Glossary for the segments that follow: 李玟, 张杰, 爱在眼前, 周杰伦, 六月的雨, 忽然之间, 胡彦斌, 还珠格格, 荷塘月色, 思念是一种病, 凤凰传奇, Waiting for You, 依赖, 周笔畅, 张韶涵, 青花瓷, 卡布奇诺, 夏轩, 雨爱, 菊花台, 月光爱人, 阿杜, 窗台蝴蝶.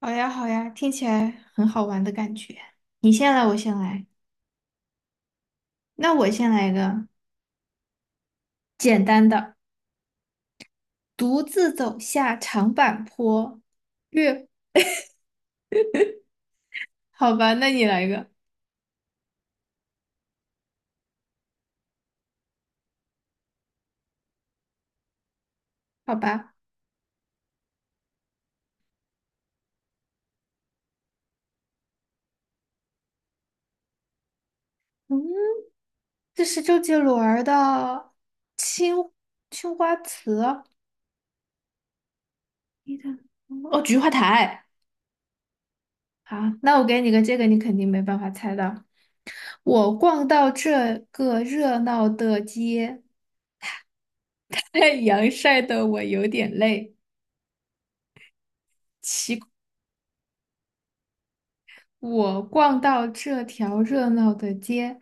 好呀，好呀，听起来很好玩的感觉。你先来，我先来。那我先来一个简单的，独自走下长坂坡。月，好吧，那你来一个，好吧。嗯，这是周杰伦儿的青青花瓷，你的哦，菊花台。好，那我给你个这个，你肯定没办法猜到。我逛到这个热闹的街，太阳晒得我有点累。奇。我逛到这条热闹的街，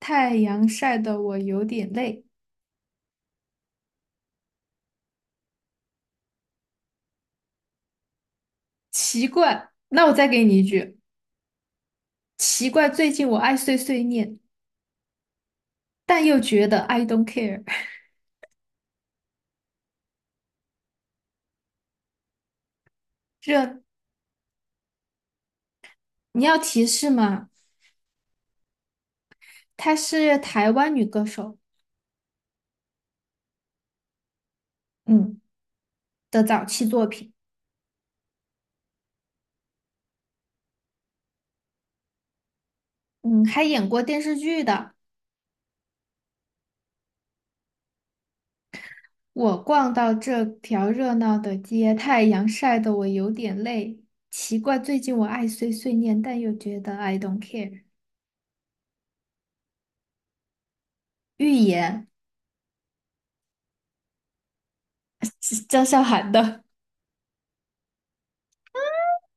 太阳晒得我有点累。奇怪，那我再给你一句，奇怪，最近我爱碎碎念，但又觉得 I don't care。这你要提示吗？她是台湾女歌手，嗯的早期作品，嗯，还演过电视剧的。我逛到这条热闹的街，太阳晒得我有点累。奇怪，最近我爱碎碎念，但又觉得 I don't care。预言。是张韶涵的，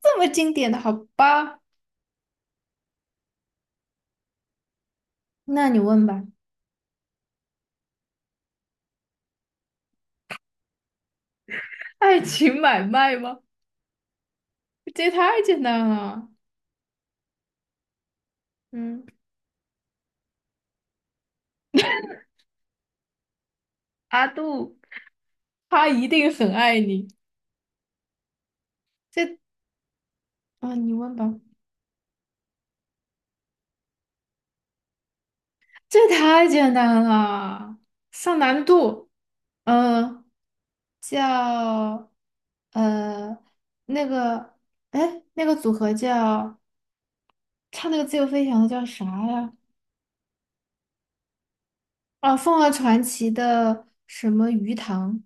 这么经典的，好吧？那你问吧。爱情买卖吗？这也太简单了。嗯，阿杜，他一定很爱你。这啊、你问吧。这太简单了，上难度。嗯、叫呃那个，哎，那个组合叫唱那个自由飞翔的叫啥呀？啊，凤凰传奇的什么鱼塘？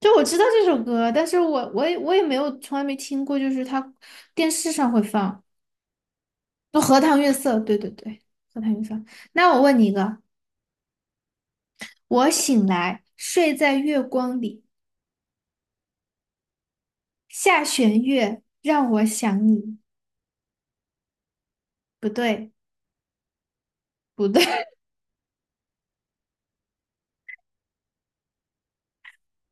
就我知道这首歌，但是我也我没有从来没听过，就是它电视上会放，就《荷塘月色》，对对对，《荷塘月色》。那我问你一个，我醒来睡在月光里，下弦月让我想你，不对不对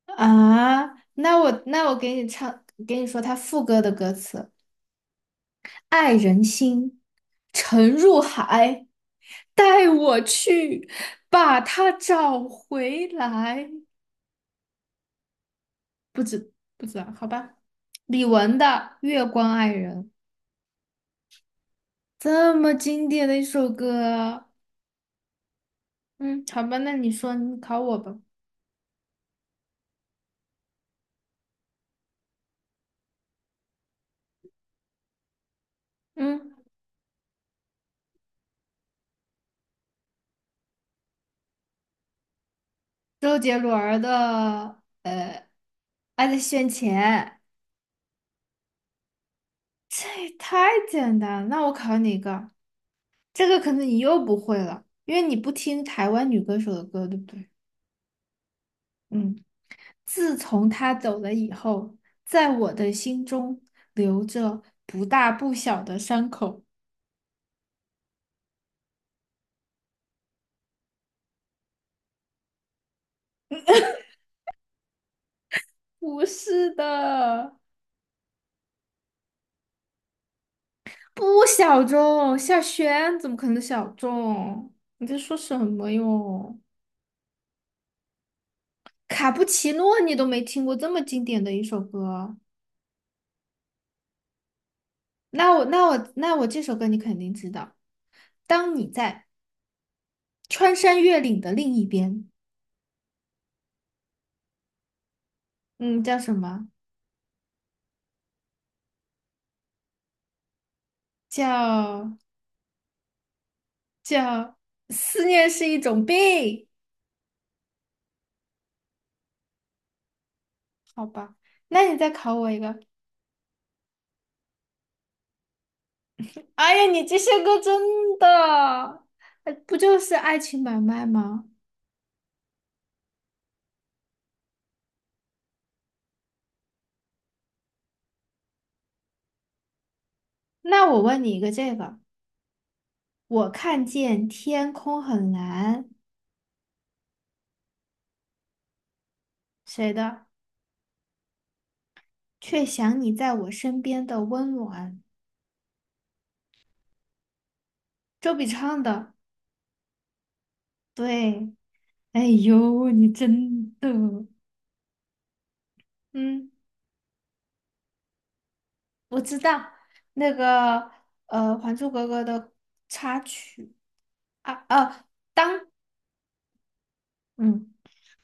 啊，那我给你唱，给你说它副歌的歌词，爱人心沉入海，带我去把它找回来。不知不知道，好吧。李玟的《月光爱人》这么经典的一首歌，嗯，好吧，那你说你考我吧。嗯，周杰伦儿的《爱在眼前》，这也太简单了。那我考你一个，这个可能你又不会了，因为你不听台湾女歌手的歌，对不对？嗯，自从他走了以后，在我的心中留着不大不小的伤口。不是的，不小众，夏轩怎么可能小众？你在说什么哟？卡布奇诺你都没听过这么经典的一首歌，那我这首歌你肯定知道。当你在穿山越岭的另一边，嗯，叫什么？叫叫思念是一种病，好吧？那你再考我一个。哎呀，你这些歌真的，哎不就是爱情买卖吗？那我问你一个这个，我看见天空很蓝，谁的？却想你在我身边的温暖，周笔畅的。对，哎呦，你真的，嗯，我知道那个，《还珠格格》的插曲啊，当，嗯，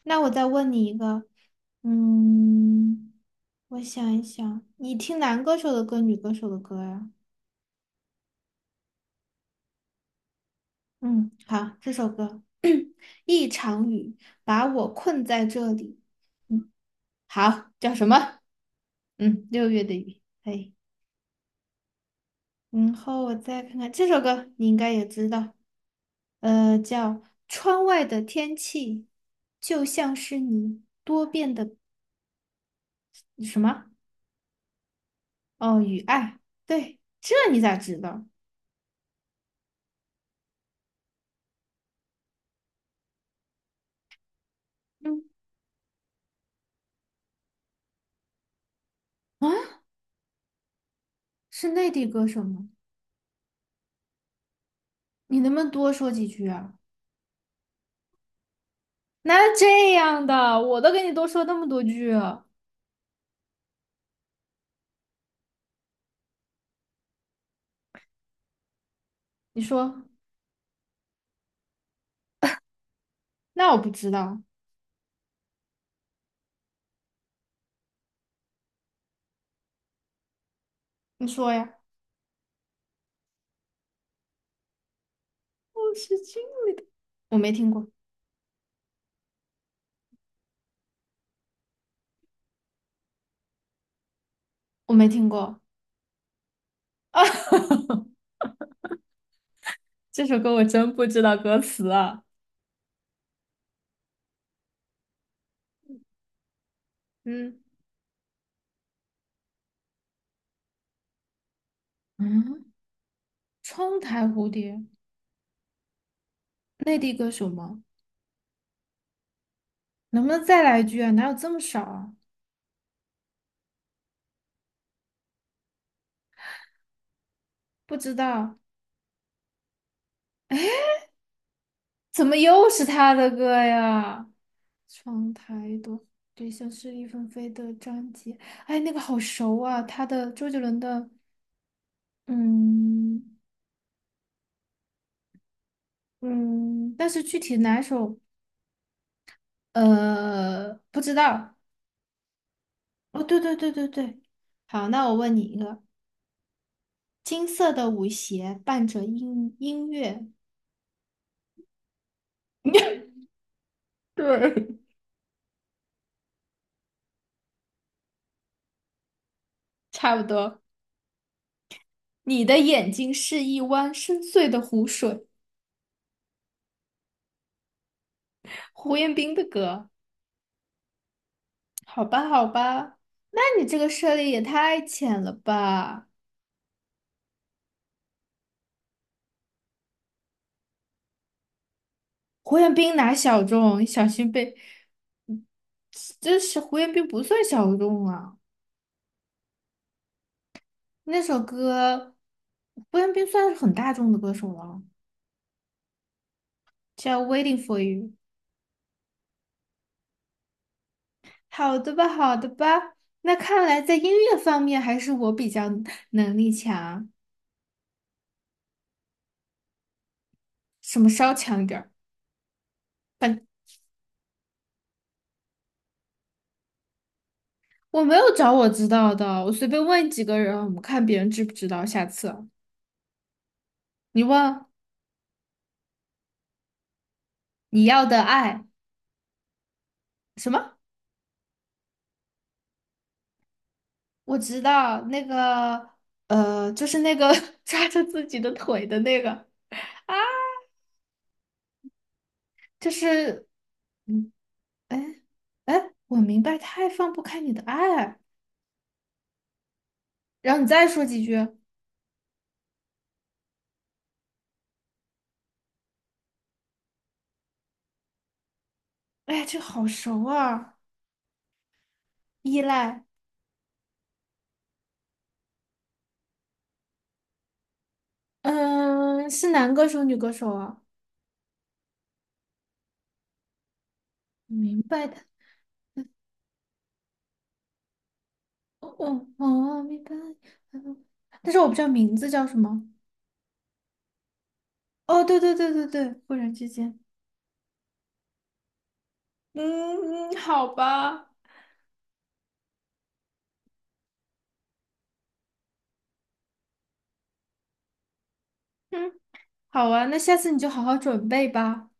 那我再问你一个，嗯，我想一想，你听男歌手的歌，女歌手的歌呀？嗯，好，这首歌，一场雨把我困在这里。嗯，好，叫什么？嗯，六月的雨。可以然后我再看看这首歌，你应该也知道，叫《窗外的天气就像是你多变的什么？哦，雨爱。对，这你咋知道？嗯，啊，是内地歌手吗？你能不能多说几句啊？哪有这样的？我都给你多说那么多句了，你说。那我不知道，你说呀。我是金，我没听过，我没听过啊。这首歌我真不知道歌词啊。嗯嗯，窗台蝴蝶，内地歌手吗？能不能再来一句啊？哪有这么少啊？不知道，怎么又是他的歌呀？窗台朵，对，像是一纷飞的张杰。哎，那个好熟啊，他的周杰伦的，嗯嗯，但是具体哪首，不知道。哦，对对对对对，好，那我问你一个，金色的舞鞋伴着音乐，对，差不多。你的眼睛是一湾深邃的湖水，胡彦斌的歌。好吧，好吧，那你这个涉猎也太浅了吧？胡彦斌哪小众，小心被……这是胡彦斌不算小众啊，那首歌，胡彦斌算是很大众的歌手了，叫《Waiting for You》。好的吧，好的吧。那看来在音乐方面还是我比较能力强，什么稍强一点儿。我没有找我知道的，我随便问几个人，我们看别人知不知道。下次你问你要的爱什么？我知道那个，就是那个 抓着自己的腿的那个，啊，就是，嗯，哎哎，我明白，太放不开你的爱，然后你再说几句，哎，这好熟啊，依赖。嗯，是男歌手、女歌手啊？明白的，哦哦哦，明白。嗯，但是我不知道名字叫什么。哦，对对对对对，忽然之间，嗯嗯，好吧，嗯，好啊，那下次你就好好准备吧。